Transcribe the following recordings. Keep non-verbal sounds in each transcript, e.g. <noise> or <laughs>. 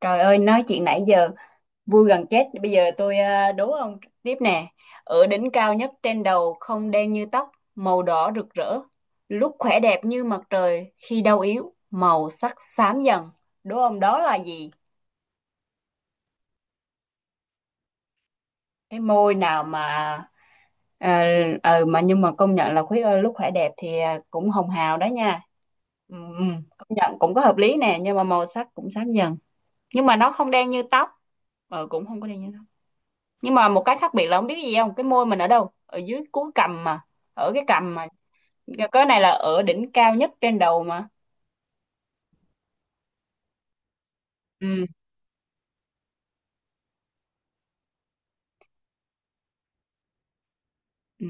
Trời ơi, nói chuyện nãy giờ vui gần chết. Bây giờ tôi đố ông tiếp nè. Ở đỉnh cao nhất trên đầu không đen như tóc, màu đỏ rực rỡ. Lúc khỏe đẹp như mặt trời, khi đau yếu, màu sắc xám dần. Đố ông đó là gì? Cái môi nào mà ờ mà nhưng mà công nhận là khuyết ơi, lúc khỏe đẹp thì cũng hồng hào đó nha. Ừ, ừ, công nhận cũng có hợp lý nè, nhưng mà màu sắc cũng xám dần. Nhưng mà nó không đen như tóc, ờ cũng không có đen như tóc. Nhưng mà một cái khác biệt là không biết gì không, cái môi mình ở đâu? Ở dưới cuối cằm mà, ở cái cằm mà cái này là ở đỉnh cao nhất trên đầu mà. Ừ. Ừ.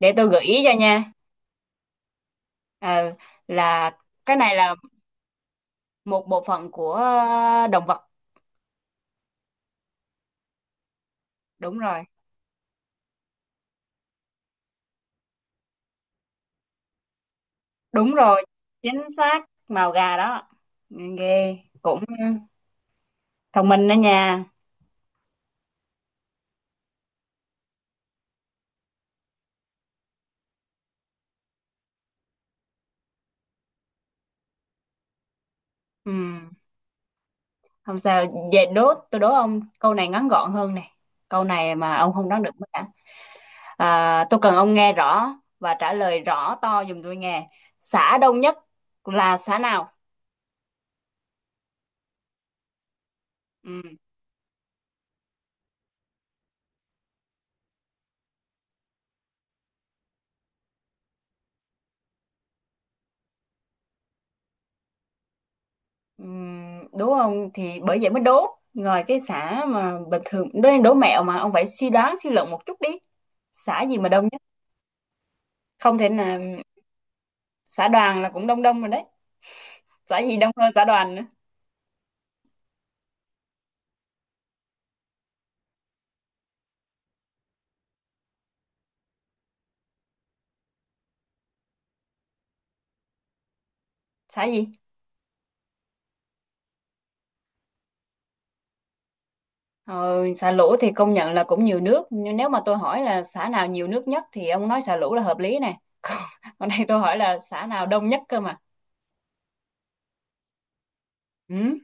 Để tôi gợi ý cho nha. Ờ, là cái này là một bộ phận của động vật. Đúng rồi. Đúng rồi. Chính xác. Màu gà đó. Ừ, ghê cũng thông minh đó nha. Ừ. Không sao, về đố tôi đố ông câu này ngắn gọn hơn này. Câu này mà ông không đoán được mất cả. À, tôi cần ông nghe rõ và trả lời rõ to giùm tôi nghe. Xã đông nhất là xã nào? Ừ. Ừ, đúng không? Thì bởi vậy mới đố. Ngoài cái xã mà bình thường, đố đố mẹo mà ông phải suy đoán suy luận một chút đi. Xã gì mà đông nhất? Không thể là xã đoàn là cũng đông đông rồi đấy. Xã gì đông hơn xã đoàn nữa? Xã gì? Ờ, xã Lũ thì công nhận là cũng nhiều nước. Nhưng nếu mà tôi hỏi là xã nào nhiều nước nhất thì ông nói xã Lũ là hợp lý nè. <laughs> Còn, còn đây tôi hỏi là xã nào đông nhất cơ mà. Ừ.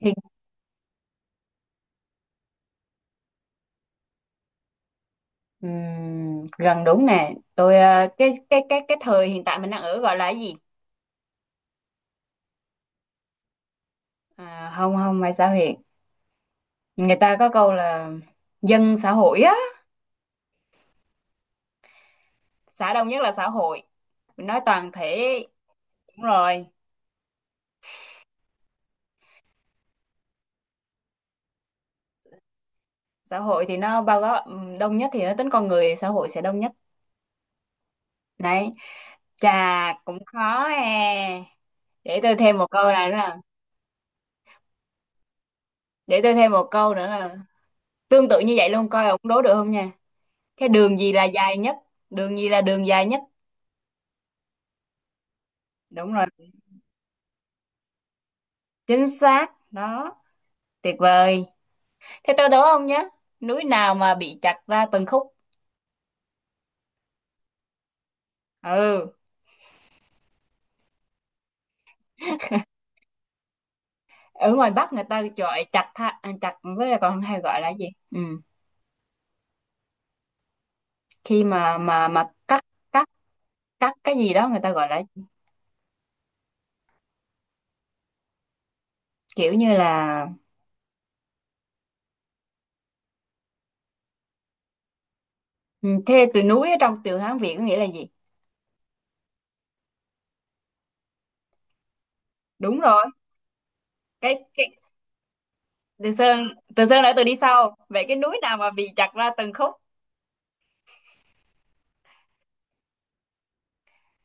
Hiện, gần đúng nè tôi cái thời hiện tại mình đang ở gọi là cái gì? À, không không phải xã hội, người ta có câu là dân xã hội á, xã đông nhất là xã hội, mình nói toàn thể. Đúng rồi. Xã hội thì nó bao gồm đông nhất thì nó tính con người, xã hội sẽ đông nhất đấy. Chà, cũng khó. À, để tôi thêm một câu này nữa là, để tôi thêm một câu nữa là tương tự như vậy luôn coi ông đố được không nha. Cái đường gì là dài nhất? Đường gì là đường dài nhất? Đúng rồi. Chính xác đó. Tuyệt vời. Thế tôi đố ông nhé, núi nào mà bị chặt ra từng khúc? Ừ. Ở ngoài Bắc người ta gọi chặt tha, à, chặt với lại còn hay gọi là gì? Ừ. Khi mà cắt, cắt, cắt cái gì đó người ta gọi là kiểu như là. Ừ, thế từ núi ở trong từ Hán Việt có nghĩa là gì? Đúng rồi. Cái Từ Sơn. Từ Sơn đã từ đi sau, vậy cái núi nào mà bị chặt ra từng khúc?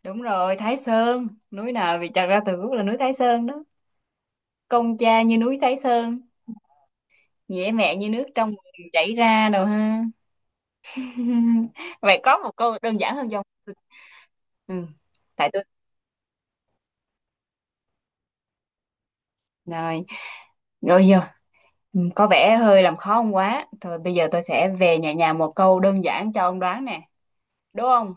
Đúng rồi, Thái Sơn. Núi nào bị chặt ra từng khúc là núi Thái Sơn đó. Công cha như núi Thái Sơn, dễ mẹ như nước trong người chảy ra đâu ha. <laughs> Vậy có một câu đơn giản hơn không? Ừ. Tại tôi, rồi rồi vô. Ừ, có vẻ hơi làm khó ông quá. Thôi bây giờ tôi sẽ về nhà nhà một câu đơn giản cho ông đoán nè, đúng không?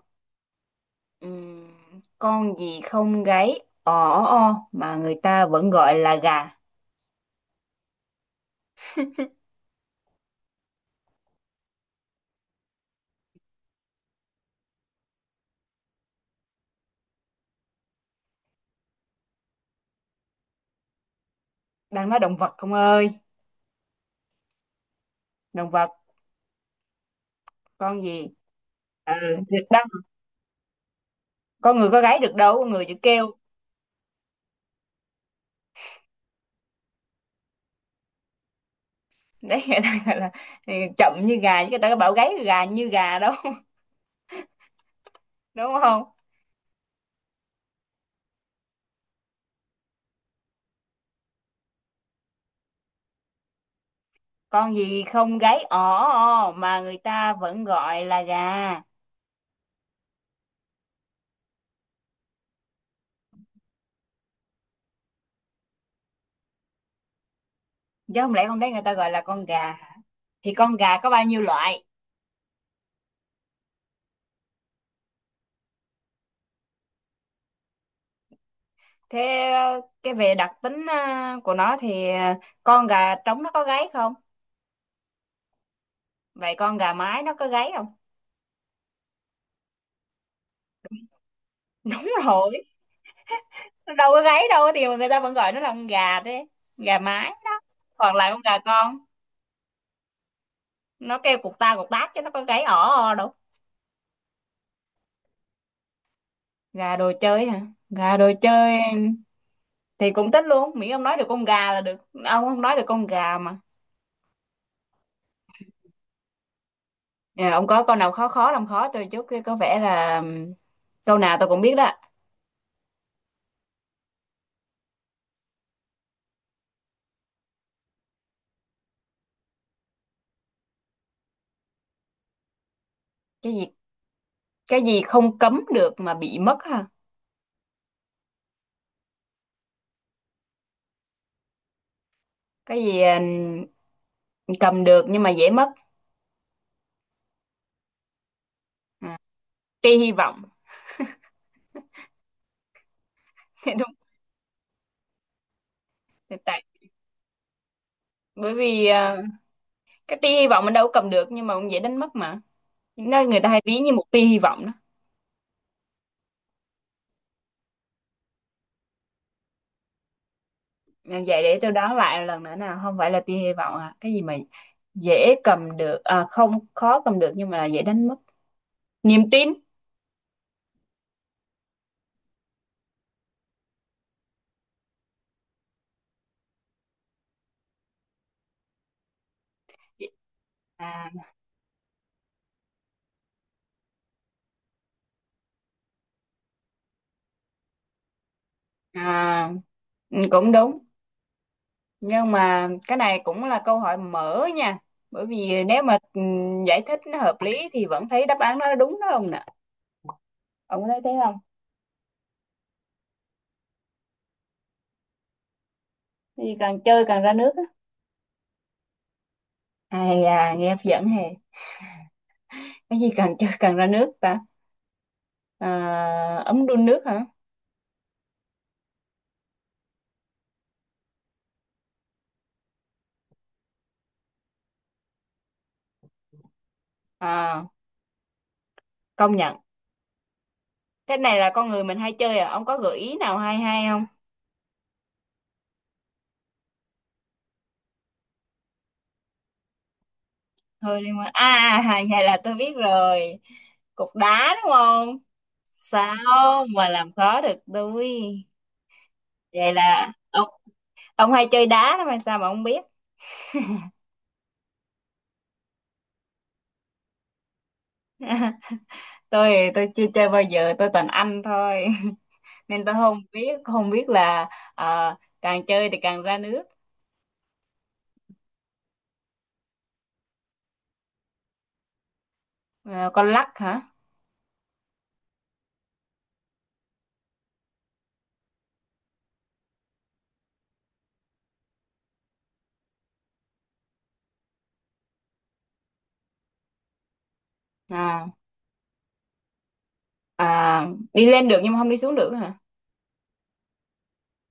Ừm, con gì không gáy ò ó o mà người ta vẫn gọi là gà? Đang nói động vật không ơi, động vật. Con gì? Ừ, đang con người có gáy được đâu, con người chỉ kêu. Đấy người ta gọi là, ừ, chậm như gà chứ người ta có bảo gáy gà như gà đâu. <laughs> Đúng không? Con gì không gáy ỏ o mà người ta vẫn gọi là gà? Chứ không lẽ con đấy người ta gọi là con gà. Thì con gà có bao nhiêu loại? Thế cái về đặc tính của nó thì con gà trống nó có gáy không? Vậy con gà mái nó có gáy không? <laughs> Đúng rồi, nó đâu có gáy đâu thì mà người ta vẫn gọi nó là con gà, thế gà mái đó. Hoặc là con gà con, nó kêu cục ta cục tác chứ nó có gáy ỏ o đâu. Gà đồ chơi hả? Gà đồ chơi thì cũng thích luôn, miễn ông nói được con gà là được. Ông không nói được con gà mà. Ờ, ông có câu nào khó khó làm khó tôi chút cái có vẻ là câu nào tôi cũng biết đó. Cái gì? Cái gì không cấm được mà bị mất ha? Cái gì? Ừm, cầm được nhưng mà dễ mất? À, tia hy vọng. <laughs> Đúng. Tại bởi vì cái tia hy vọng mình đâu có cầm được nhưng mà cũng dễ đánh mất mà, nên người ta hay ví như một tia hy vọng đó. Ờ, vậy để tôi đoán lại lần nữa nào, không phải là tia hy vọng à? Cái gì mà dễ cầm được, à, không, khó cầm được nhưng mà là dễ đánh mất? Niềm tin. À, à, ừ, cũng đúng, nhưng mà cái này cũng là câu hỏi mở nha, bởi vì nếu mà giải thích nó hợp lý thì vẫn thấy đáp án nó đúng đó ông nè. Ông có thấy thế không? Cái gì càng chơi càng ra nước á? Ai à, nghe hấp dẫn hề. Cái gì càng chơi càng ra nước ta? À, ấm đun nước hả? À, công nhận. Cái này là con người mình hay chơi, à ông có gợi ý nào hay hay không? Hơi liên quan à? À, à, vậy là tôi biết rồi, cục đá đúng không? Sao mà làm khó được tôi. Vậy là ông hay chơi đá đó mà sao mà ông biết. Tôi chưa chơi bao giờ, tôi toàn ăn thôi. <laughs> Nên tôi không biết, không biết là ờ, càng chơi thì càng ra nước. Ờ, con lắc hả? À, à, đi lên được nhưng mà không đi xuống được hả?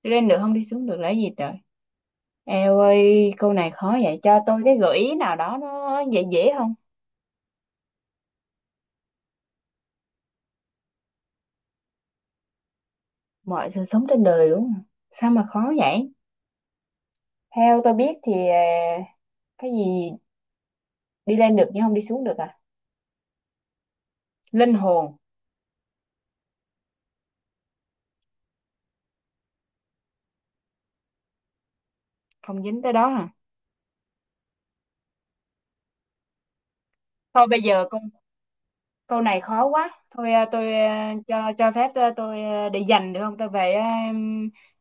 Đi lên được không đi xuống được là cái gì trời. Eo ơi, câu này khó vậy, cho tôi cái gợi ý nào đó nó dễ dễ không? Mọi sự sống trên đời đúng không? Sao mà khó vậy? Theo tôi biết thì cái gì đi lên được nhưng không đi xuống được à? Linh hồn. Không dính tới đó hả? Thôi bây giờ câu, câu này khó quá. Thôi tôi cho phép tôi để dành được không? Tôi về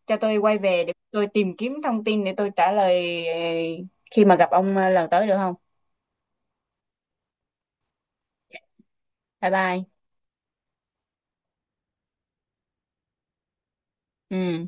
cho tôi quay về để tôi tìm kiếm thông tin để tôi trả lời khi mà gặp ông lần tới được không? Bye bye. Ừ.